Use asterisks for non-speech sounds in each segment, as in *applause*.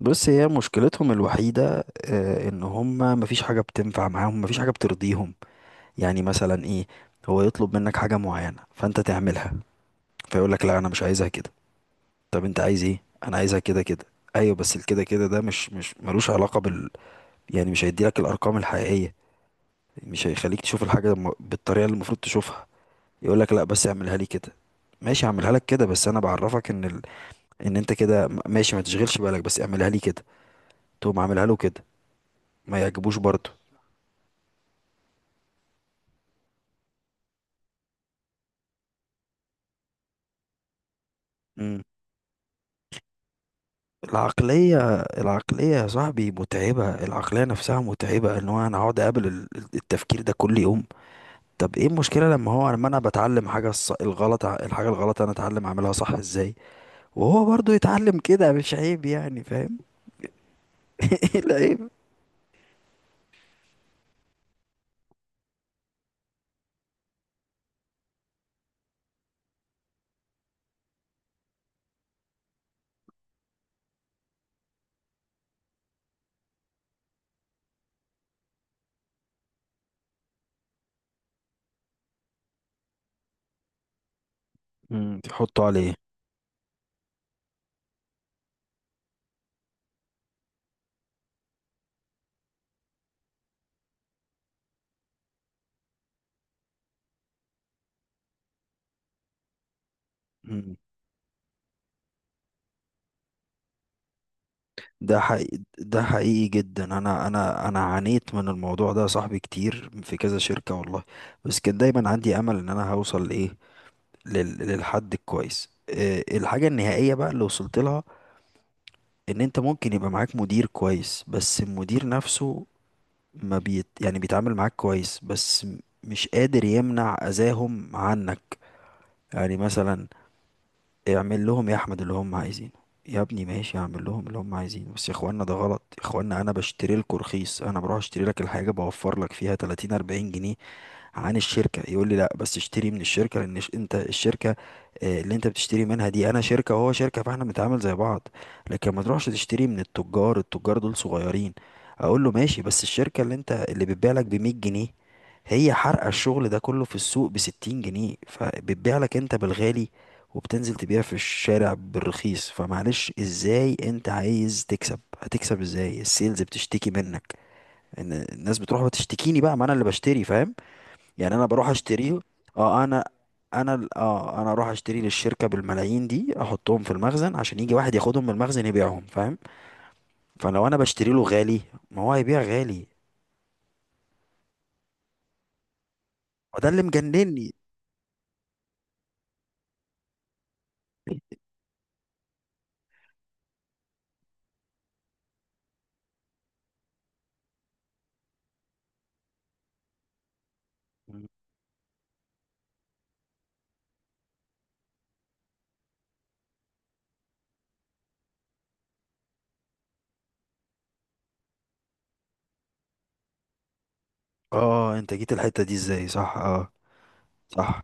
بص، هي مشكلتهم الوحيدة، ان هما مفيش حاجة بتنفع معاهم، مفيش حاجة بترضيهم. يعني مثلا ايه؟ هو يطلب منك حاجة معينة فانت تعملها، فيقولك لا، انا مش عايزها كده. طب انت عايز ايه؟ انا عايزها كده كده. ايوه، بس الكده كده ده مش ملوش علاقة بال... يعني مش هيديلك الارقام الحقيقية، مش هيخليك تشوف الحاجة بالطريقة اللي المفروض تشوفها. يقولك لا، بس اعملها لي كده. ماشي، هعملها لك كده، بس انا بعرفك ان ال... ان انت كده ماشي، ما تشغلش بالك، بس اعملها لي كده. تقوم عاملها له كده، ما يعجبوش برضه. مم. العقلية العقلية يا صاحبي متعبة، العقلية نفسها متعبة، ان هو انا اقعد اقابل التفكير ده كل يوم. طب ايه المشكلة لما هو لما انا بتعلم حاجة الغلط الحاجة الغلط، انا اتعلم اعملها صح ازاي؟ وهو برضو يتعلم كده، مش عيب يعني، فاهم؟ *laughs* ايه العيب؟ مم، تحطه عليه. مم. ده حقيقي، ده حقيقي جدا، انا عانيت من الموضوع ده يا صاحبي كتير في كذا شركة والله. بس كان دايما عندي امل ان انا هوصل لايه، للحد الكويس، الحاجة النهائية بقى اللي وصلت لها. ان انت ممكن يبقى معاك مدير كويس، بس المدير نفسه ما بيت يعني بيتعامل معاك كويس، بس مش قادر يمنع اذاهم عنك. يعني مثلا، اعمل لهم يا احمد اللي هم عايزينه، يا ابني ماشي اعمل لهم اللي هم عايزينه، بس يا اخوانا ده غلط، يا اخوانا انا بشتري لكم رخيص، انا بروح اشتري لك الحاجة بوفر لك فيها 30 40 جنيه عن الشركة، يقول لي لا، بس اشتري من الشركة، لان انت الشركة، اللي انت بتشتري منها دي، انا شركة وهو شركة، فاحنا بنتعامل زي بعض، لكن ما تروحش تشتري من التجار، التجار دول صغيرين. اقول له ماشي، بس الشركة اللي بتبيع لك ب 100 جنيه هي حارقة الشغل ده كله في السوق ب 60 جنيه، فبتبيع لك انت بالغالي، وبتنزل تبيع في الشارع بالرخيص، فمعلش، ازاي انت عايز تكسب؟ هتكسب ازاي؟ السيلز بتشتكي منك ان الناس بتروح وتشتكيني بقى، ما انا اللي بشتري، فاهم؟ يعني انا بروح اشتريه. اه، انا اروح اشتري للشركه بالملايين دي، احطهم في المخزن عشان يجي واحد ياخدهم من المخزن يبيعهم، فاهم؟ فلو انا بشتري له غالي، ما هو هيبيع غالي. وده اللي مجنني. اه، انت جيت الحته دي ازاي؟ صح، اه. صح.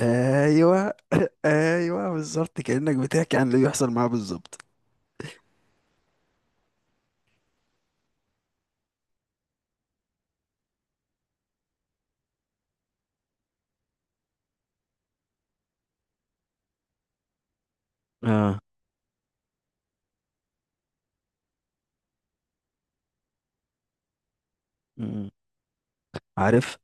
ايوه *coughs* *laughs* ايوه، بالظبط، كانك بتحكي عن اللي بيحصل معاه بالظبط. اه، م- م. عارف.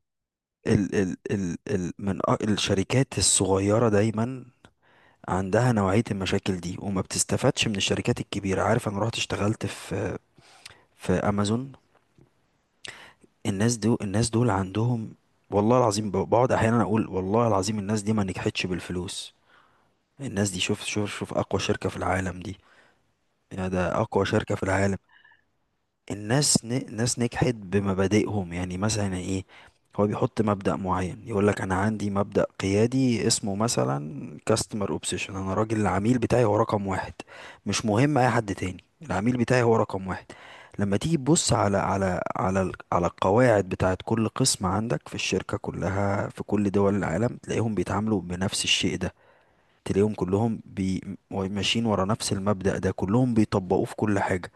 ال ال ال ال من الشركات الصغيره دايما عندها نوعية المشاكل دي، وما بتستفادش من الشركات الكبيرة، عارف؟ انا رحت اشتغلت في امازون. الناس دول عندهم، والله العظيم بقعد احيانا اقول والله العظيم الناس دي ما نجحتش بالفلوس، الناس دي، شوف شوف شوف، اقوى شركة في العالم دي. يعني ده اقوى شركة في العالم. ناس نجحت بمبادئهم. يعني مثلا ايه؟ هو بيحط مبدأ معين، يقول لك انا عندي مبدأ قيادي اسمه مثلا customer obsession. انا راجل، العميل بتاعي هو رقم واحد، مش مهم اي حد تاني، العميل بتاعي هو رقم واحد. لما تيجي تبص على على القواعد بتاعت كل قسم عندك في الشركة كلها في كل دول العالم، تلاقيهم بيتعاملوا بنفس الشيء ده. تلاقيهم كلهم ماشيين ورا نفس المبدأ ده، كلهم بيطبقوه في كل حاجة.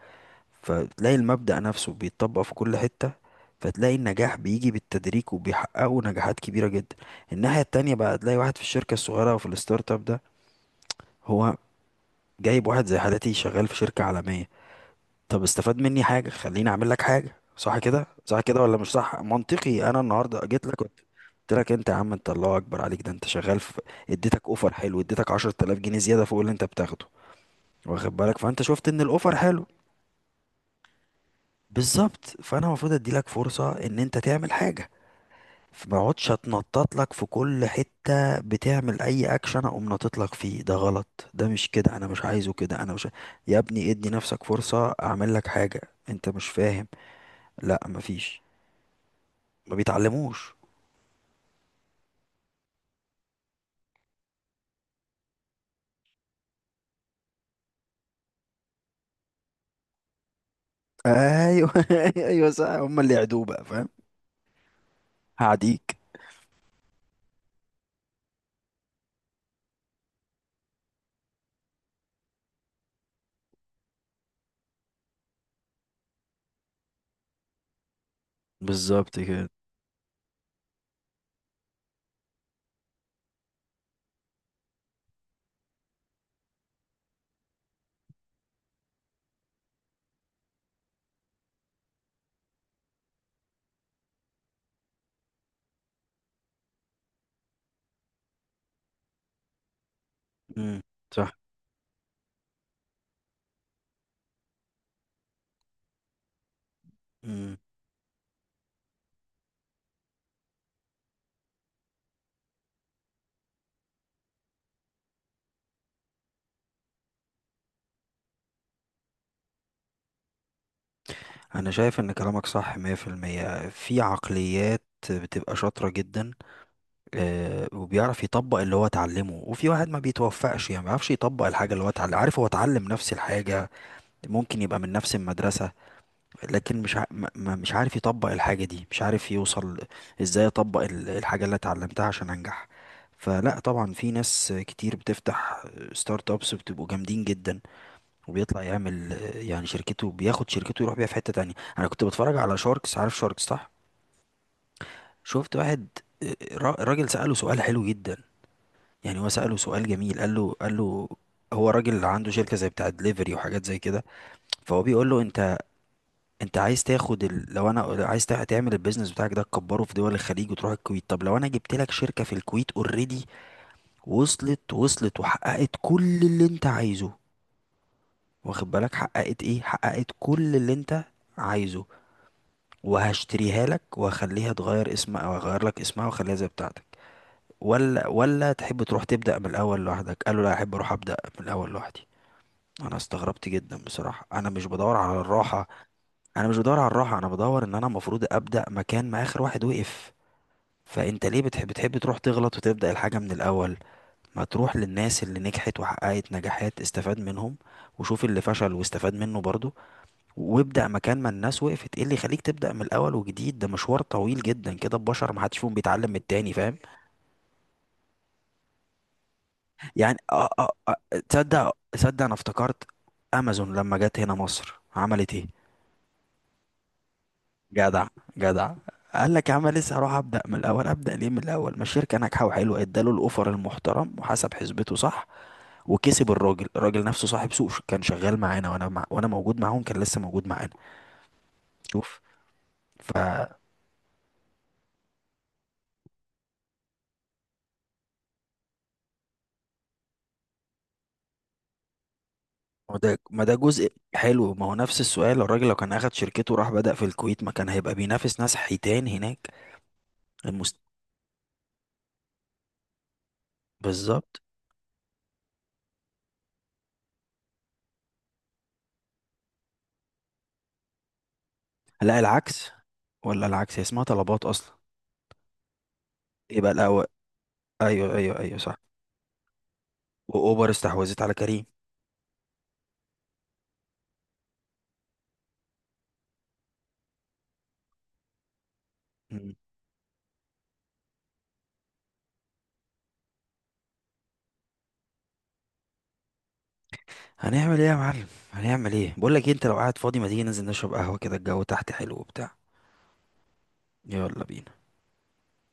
فتلاقي المبدأ نفسه بيتطبق في كل حتة، فتلاقي النجاح بيجي بالتدريج، وبيحققوا نجاحات كبيرة جدا. الناحية التانية بقى، تلاقي واحد في الشركة الصغيرة وفي الستارت اب ده، هو جايب واحد زي حالتي شغال في شركة عالمية. طب استفاد مني حاجة، خليني اعمل لك حاجة صح كده، صح كده ولا مش صح منطقي؟ انا النهاردة جيت لك، قلت، قلت لك انت يا عم، انت الله اكبر عليك، ده انت شغال في، اديتك اوفر حلو، اديتك 10000 جنيه زيادة فوق اللي انت بتاخده، واخد بالك، فانت شفت ان الاوفر حلو. بالظبط، فانا المفروض اديلك فرصه ان انت تعمل حاجه، فما اقعدش اتنطط لك في كل حته، بتعمل اي اكشن اقوم ناطط لك فيه. ده غلط، ده مش كده، انا مش عايزه كده، انا مش ع- يا ابني ادي نفسك فرصه، اعمل لك حاجه. انت مش فاهم. لا، مفيش، ما بيتعلموش. ايوه *laughs* ايوه صح، هم اللي يعدوه بقى، فاهم؟ هعديك. بالظبط كده. امم. صح. امم. انا شايف ان كلامك صح 100% في المية. في عقليات بتبقى شاطره جدا، وبيعرف يطبق اللي هو اتعلمه، وفي واحد ما بيتوفقش، يعني ما بيعرفش يطبق الحاجة اللي هو اتعلم، عارف؟ هو اتعلم نفس الحاجة، ممكن يبقى من نفس المدرسة، لكن مش ع... ما ما- مش عارف يطبق الحاجة دي، مش عارف يوصل ازاي اطبق الحاجة اللي اتعلمتها عشان انجح. فلا طبعا، في ناس كتير بتفتح ستارت ابس، بتبقوا جامدين جدا، وبيطلع يعمل يعني شركته، بياخد شركته يروح بيها في حتة تانية. انا كنت بتفرج على شاركس، عارف شاركس صح؟ شفت واحد، راجل سأله سؤال حلو جدا، يعني هو سأله سؤال جميل، قال له، هو راجل عنده شركة زي بتاع دليفري وحاجات زي كده، فهو بيقول له انت، لو انا عايز تعمل البيزنس بتاعك ده تكبره في دول الخليج وتروح الكويت، طب لو انا جبت لك شركة في الكويت اوريدي، وصلت وحققت كل اللي انت عايزه، واخد بالك، حققت ايه؟ حققت كل اللي انت عايزه، وهشتريها لك وهخليها تغير اسمها، او هغير لك اسمها واخليها زي بتاعتك، ولا تحب تروح تبدأ من الاول لوحدك؟ قال له لا، احب اروح ابدأ من الاول لوحدي. انا استغربت جدا بصراحه. انا مش بدور على الراحه، انا مش بدور على الراحه، انا بدور ان انا المفروض ابدا مكان ما اخر واحد وقف. فانت ليه بتحب تروح تغلط وتبدا الحاجه من الاول؟ ما تروح للناس اللي نجحت وحققت نجاحات استفاد منهم، وشوف اللي فشل واستفاد منه برضه، وابدا مكان ما الناس وقفت. ايه اللي يخليك تبدا من الاول وجديد؟ ده مشوار طويل جدا كده، البشر ما حدش فيهم بيتعلم من التاني، فاهم؟ يعني تصدق انا افتكرت امازون لما جت هنا مصر عملت ايه؟ جدع، جدع. قال لك يا عم لسه هروح ابدا من الاول؟ ابدا ليه من الاول ما الشركه ناجحه وحلوه؟ اداله الاوفر المحترم وحسب حسبته صح، وكسب الراجل. الراجل نفسه صاحب سوق كان شغال معانا، وانا موجود معاهم، كان لسه موجود معانا. شوف، ف ما ده جزء حلو، ما هو نفس السؤال. الراجل لو كان اخد شركته وراح بدأ في الكويت ما كان هيبقى بينافس ناس حيتان هناك؟ المست... بالظبط. لا، العكس، ولا العكس، هي اسمها طلبات اصلا، يبقى الاول، ايوه ايوه ايوه صح. واوبر استحوذت على كريم. هنعمل ايه يا معلم؟ هنعمل ايه؟ بقول لك انت لو قاعد فاضي ما تيجي ننزل نشرب قهوه كده، الجو تحت حلو وبتاع. يلا بينا.